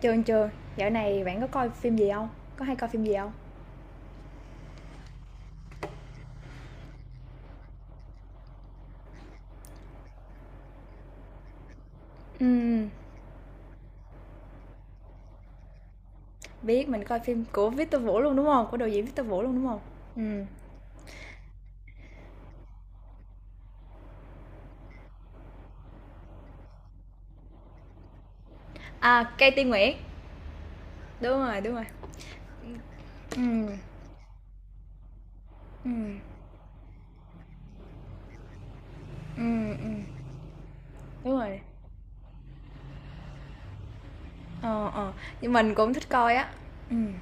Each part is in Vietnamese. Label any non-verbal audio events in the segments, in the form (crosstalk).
Chưa chưa, dạo này bạn có coi phim gì không? Có hay coi phim gì không? Ừm, biết mình coi phim của Victor Vũ luôn, đúng không? Của đạo diễn Victor Vũ luôn, đúng không? Ừm, Cây Tiên Nguyễn, đúng rồi, đúng rồi. Ừm, ừm, ừm, ừm, đúng rồi, ờ, ờ, nhưng mình cũng thích coi á. Ừm,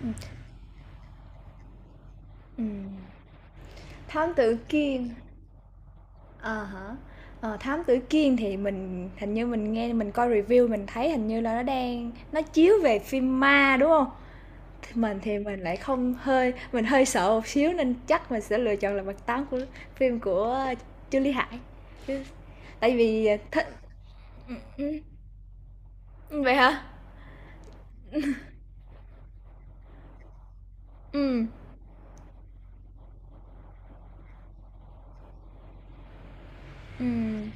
ừm, ừm. Thám Tử Kiên, à hả. Ờ, Thám Tử Kiên thì mình hình như nghe mình coi review mình thấy hình như là nó đang chiếu về phim ma, đúng không? Thì mình lại không, hơi mình hơi sợ một xíu nên chắc mình sẽ lựa chọn là Mặt Tám, của phim của Trương Lý Hải. Chứ tại vì, thích. ừm, ừm, vậy hả? Ừm, ừm,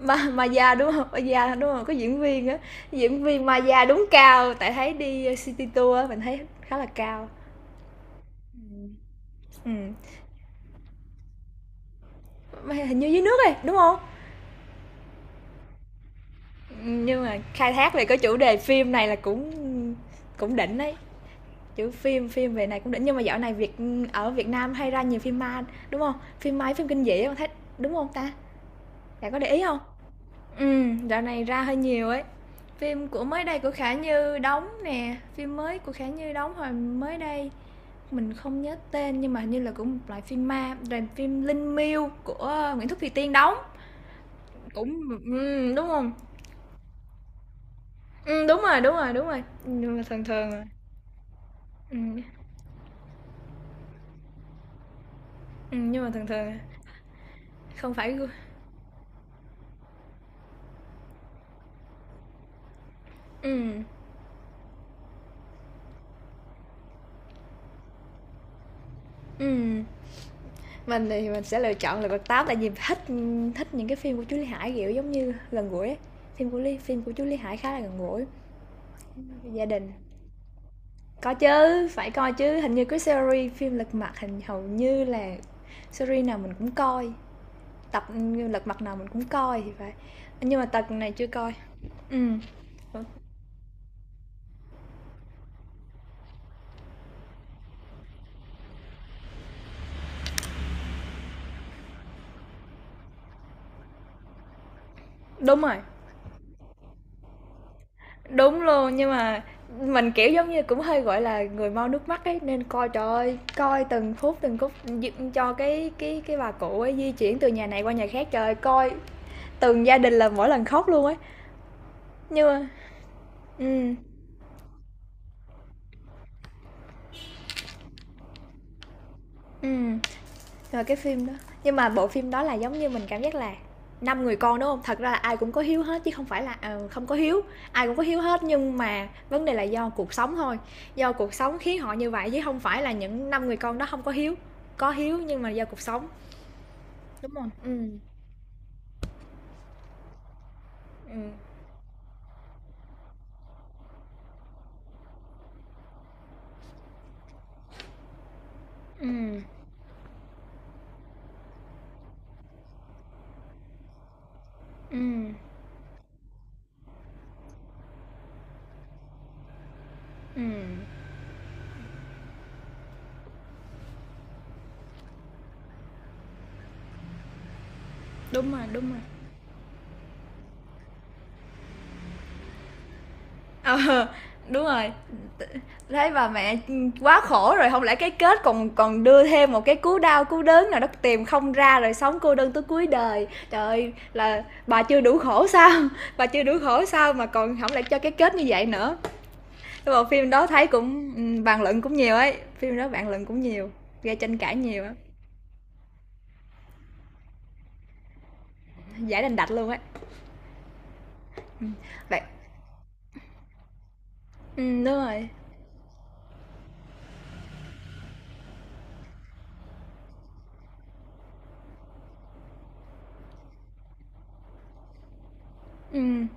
Ma Maya, đúng hông? Maya, đúng không, có diễn viên á, diễn viên Maya đúng cao, tại thấy đi city tour á, mình thấy khá là cao. Ừm, mà hình như dưới nước ấy, đúng không? Nhưng mà khai thác về cái chủ đề phim này là cũng cũng đỉnh đấy. Chứ phim phim về này cũng đỉnh nhưng mà dạo này Việt, ở Việt Nam hay ra nhiều phim ma, đúng không? Phim ma phim kinh dị á, thấy đúng không ta? Bạn có để ý không? Dạo này ra hơi nhiều ấy. Phim của mới đây của Khả Như đóng nè, phim mới của Khả Như đóng hồi mới đây, mình không nhớ tên nhưng mà hình như là cũng một loại phim ma, rồi phim Linh Miêu của Nguyễn Thúc Thùy Tiên đóng, cũng, đúng không? Đúng rồi, đúng rồi, đúng rồi, nhưng mà thường thường à. Ừm, nhưng mà thường thường à, không phải gu. ừm, Mình thì mình sẽ lựa chọn Lật Mặt Tám tại vì thích, thích những cái phim của chú Lý Hải, kiểu, giống như gần gũi ấy. Phim của Lý phim của chú Lý Hải khá là gần gũi, gia đình. Có chứ, phải coi chứ, hình như cái series phim Lật Mặt hình hầu như là series nào mình cũng coi, tập Lật Mặt nào mình cũng coi thì phải. Nhưng mà tập này chưa coi. Ừm. Đúng rồi. Đúng luôn, nhưng mà mình, kiểu, giống như, cũng hơi, gọi là, người mau nước mắt ấy, nên coi, trời ơi, coi từng phút d cho cái bà cụ ấy di chuyển từ nhà này qua nhà khác. Trời ơi, coi từng gia đình là mỗi lần khóc luôn ấy, nhưng mà ừm, ừm. Rồi cái phim đó nhưng mà bộ phim đó là giống như mình cảm giác là năm người con đúng không? Thật ra là ai cũng có hiếu hết chứ không phải là, ờ, không có hiếu, ai cũng có hiếu hết nhưng mà vấn đề là do cuộc sống thôi, do cuộc sống khiến họ như vậy chứ không phải là những năm người con đó không có hiếu, có hiếu nhưng mà do cuộc sống. Đúng rồi, ừ ừ ừ. ừm, đúng rồi, đúng rồi. Ờ, đúng rồi. Thấy bà mẹ, quá khổ rồi, không lẽ cái kết còn còn đưa thêm một cái cú đau cú đớn nào đó tìm không ra rồi sống cô đơn tới cuối đời. Trời ơi, là bà chưa đủ khổ sao? (laughs) Bà chưa đủ khổ sao mà còn không lại cho cái kết như vậy nữa. Nhưng mà phim đó thấy cũng, bàn luận cũng nhiều ấy, phim đó bàn luận cũng nhiều, gây tranh cãi nhiều á, giải đành đạch luôn ấy. Vậy, đúng rồi, ừm,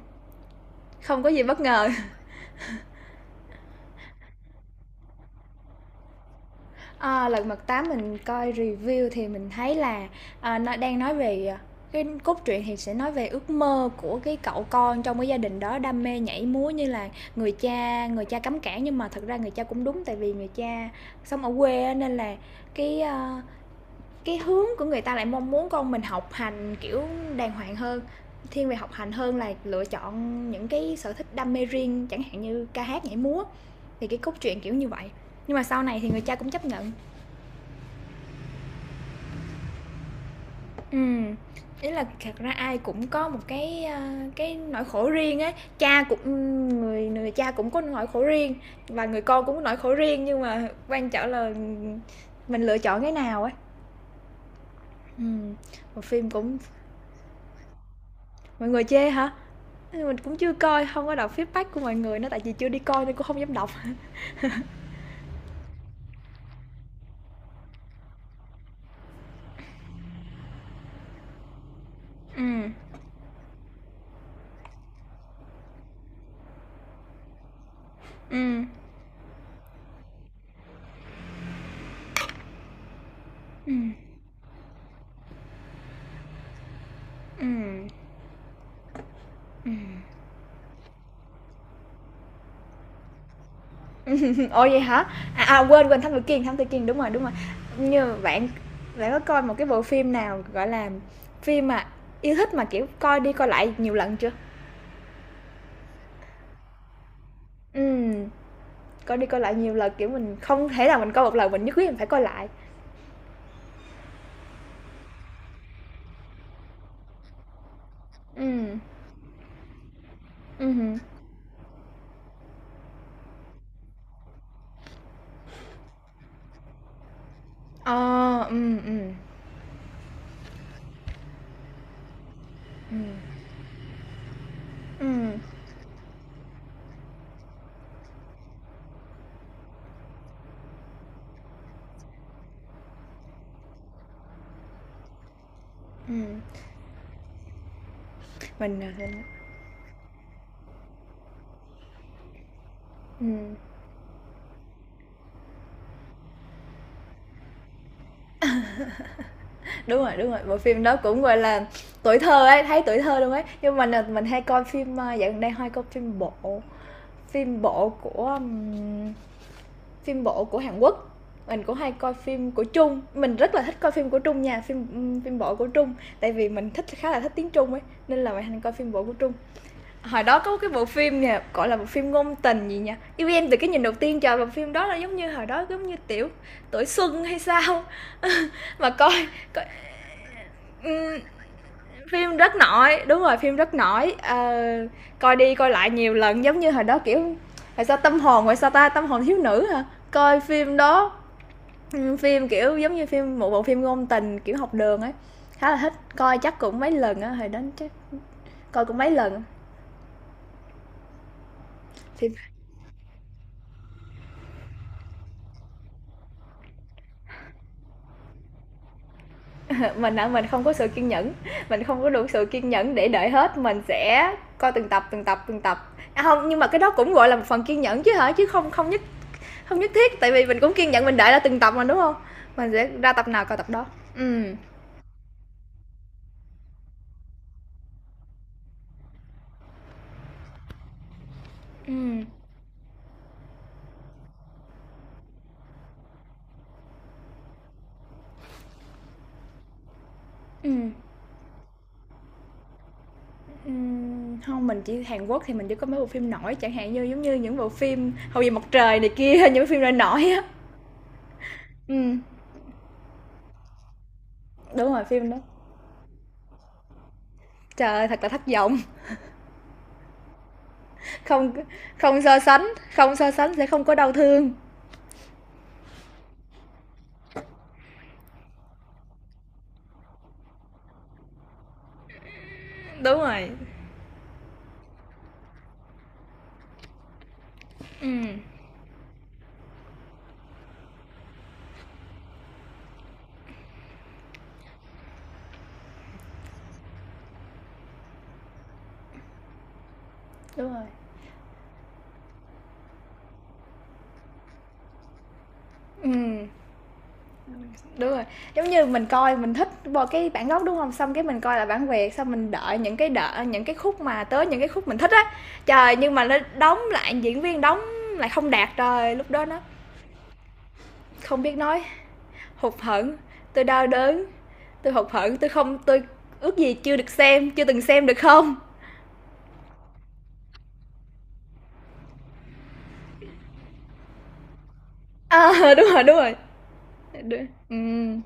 không có gì bất ngờ. Ờ, Lật Mặt 8 mình coi review thì mình thấy là, nó đang nói về, cái cốt truyện thì sẽ nói về ước mơ của cái cậu con trong cái gia đình đó đam mê nhảy múa như là người cha, người cha cấm cản nhưng mà thật ra người cha cũng đúng tại vì người cha sống ở quê nên là cái, cái hướng của người ta lại mong muốn con mình học hành kiểu đàng hoàng hơn, thiên về học hành hơn là lựa chọn những cái sở thích đam mê riêng chẳng hạn như ca hát nhảy múa thì cái cốt truyện kiểu như vậy, nhưng mà sau này thì người cha cũng chấp nhận. Ừm, ý là thật ra ai cũng có một cái, cái nỗi khổ riêng ấy. Cha cũng, người người cha cũng có nỗi khổ riêng và người con cũng có nỗi khổ riêng, nhưng mà quan trọng là, mình lựa chọn cái nào ấy. Ừm, bộ phim cũng, mọi người chê hả? Mình cũng chưa coi, không có đọc feedback của mọi người nữa, tại vì chưa đi coi nên cũng không dám đọc. Ừm, ừm, ừm, ừm, ừm. Ồ vậy hả? À, à quên quên Thám Tử Kiên, Thám Tử Kiên đúng rồi, đúng rồi. Như bạn bạn có coi một cái bộ phim nào gọi là phim mà yêu thích mà kiểu coi đi coi lại nhiều lần chưa? Ừm, coi đi coi lại nhiều lần kiểu mình không thể nào mình coi một lần mình nhất quyết mình phải coi lại. Ừm, ừm Ờ, ừm, ừm, ừm, ừm, ừm, mình, mình, ừm, đúng rồi, bộ phim đó cũng, gọi là, tuổi thơ ấy, thấy tuổi thơ luôn ấy, nhưng mà mình, mình hay coi phim, dạo gần đây hay coi phim bộ. Phim bộ của ừm, phim bộ của Hàn Quốc, mình cũng hay coi phim của Trung. Mình rất là thích coi phim của Trung nha, phim phim bộ của Trung, tại vì mình thích, khá là thích tiếng Trung ấy, nên là mình hay coi phim bộ của Trung. Hồi đó có cái bộ phim nè, gọi là bộ phim ngôn tình gì nha. Yêu em từ cái nhìn đầu tiên, trời, bộ phim đó là giống như hồi đó giống như tiểu, tuổi xuân hay sao mà coi, coi ừm, phim rất nổi đúng rồi phim rất nổi, ờ, coi đi coi lại nhiều lần giống như hồi đó kiểu, tại sao ta tâm hồn thiếu nữ hả, coi phim đó, ừ, phim kiểu giống như phim một bộ phim ngôn tình kiểu học đường ấy, khá là thích coi chắc cũng mấy lần á hồi đó chắc coi cũng mấy lần thì. (laughs) Mình á mình không có sự kiên nhẫn, mình không có đủ sự kiên nhẫn để đợi hết mình sẽ coi từng tập, không nhưng mà cái đó cũng gọi là một phần kiên nhẫn chứ hả chứ không, không nhất thiết, tại vì mình cũng kiên nhẫn mình đợi ra từng tập mà, đúng không? Mình sẽ ra tập nào coi tập đó. Ừm. Ừm, ừm, không, mình chỉ Hàn Quốc thì mình chỉ có mấy bộ phim nổi, chẳng hạn như giống như những bộ phim Hậu Duệ Mặt Trời này kia, (laughs) những cái phim nổi nổi á. Ừm, đúng rồi, phim đó. Trời ơi, thật là thất vọng, không. Không so sánh, không so sánh sẽ không có đau thương. Đúng rồi. Ừm, đúng rồi. Ừm. Đúng rồi, giống như mình coi mình thích bo cái bản gốc, đúng không? Xong cái mình coi là bản Việt, xong mình đợi những cái, đợi những cái khúc mà tới những cái khúc mình thích á. Trời, nhưng mà nó đóng lại diễn viên đóng lại không đạt, trời, lúc đó nó không biết nói, hụt hẫng, tôi đau đớn, tôi hụt hẫng, tôi không tôi ước gì chưa được xem, chưa từng xem được không? (laughs) Ờ, đúng rồi, đúng rồi, đ ừm,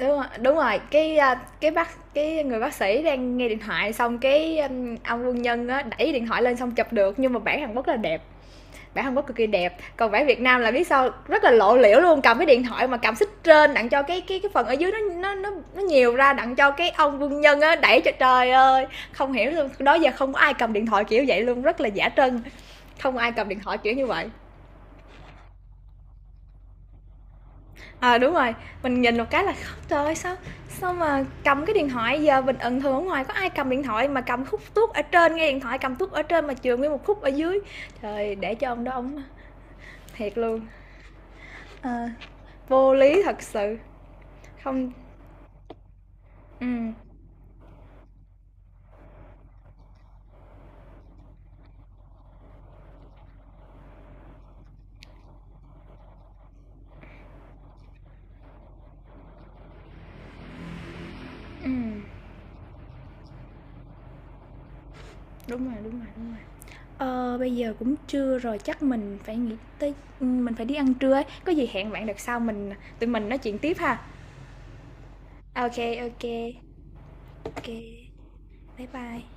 đúng rồi, đúng rồi, cái, cái bác cái người bác sĩ đang nghe điện thoại xong cái, ông quân nhân á, đẩy điện thoại lên xong chụp được, nhưng mà bản Hàn Quốc là đẹp. Bản Hàn Quốc cực kỳ đẹp còn bản Việt Nam là biết sao rất là lộ liễu luôn, cầm cái điện thoại mà cầm xích trên đặng cho cái phần ở dưới nó nhiều ra đặng cho cái ông quân nhân á đẩy cho trời ơi, không hiểu luôn đó giờ không có ai cầm điện thoại kiểu vậy luôn rất là giả trân, không ai cầm điện thoại kiểu như vậy. À đúng rồi, mình nhìn một cái là trời ơi, sao sao mà cầm cái điện thoại giờ mình ẩn thường ở ngoài có ai cầm điện thoại mà cầm khúc tuốt ở trên nghe điện thoại cầm tuốt ở trên mà trường nguyên một khúc ở dưới, trời để cho ông đó ông thiệt luôn. à, Vô lý thật sự, không. Ừm, ừm, đúng rồi, đúng rồi, đúng rồi. Ờ, bây giờ cũng trưa rồi, chắc mình phải nghĩ tới, ừ, mình phải đi ăn trưa ấy, có gì hẹn bạn đợt sau mình, tụi mình nói chuyện tiếp ha. OK, OK, OK, bye bye.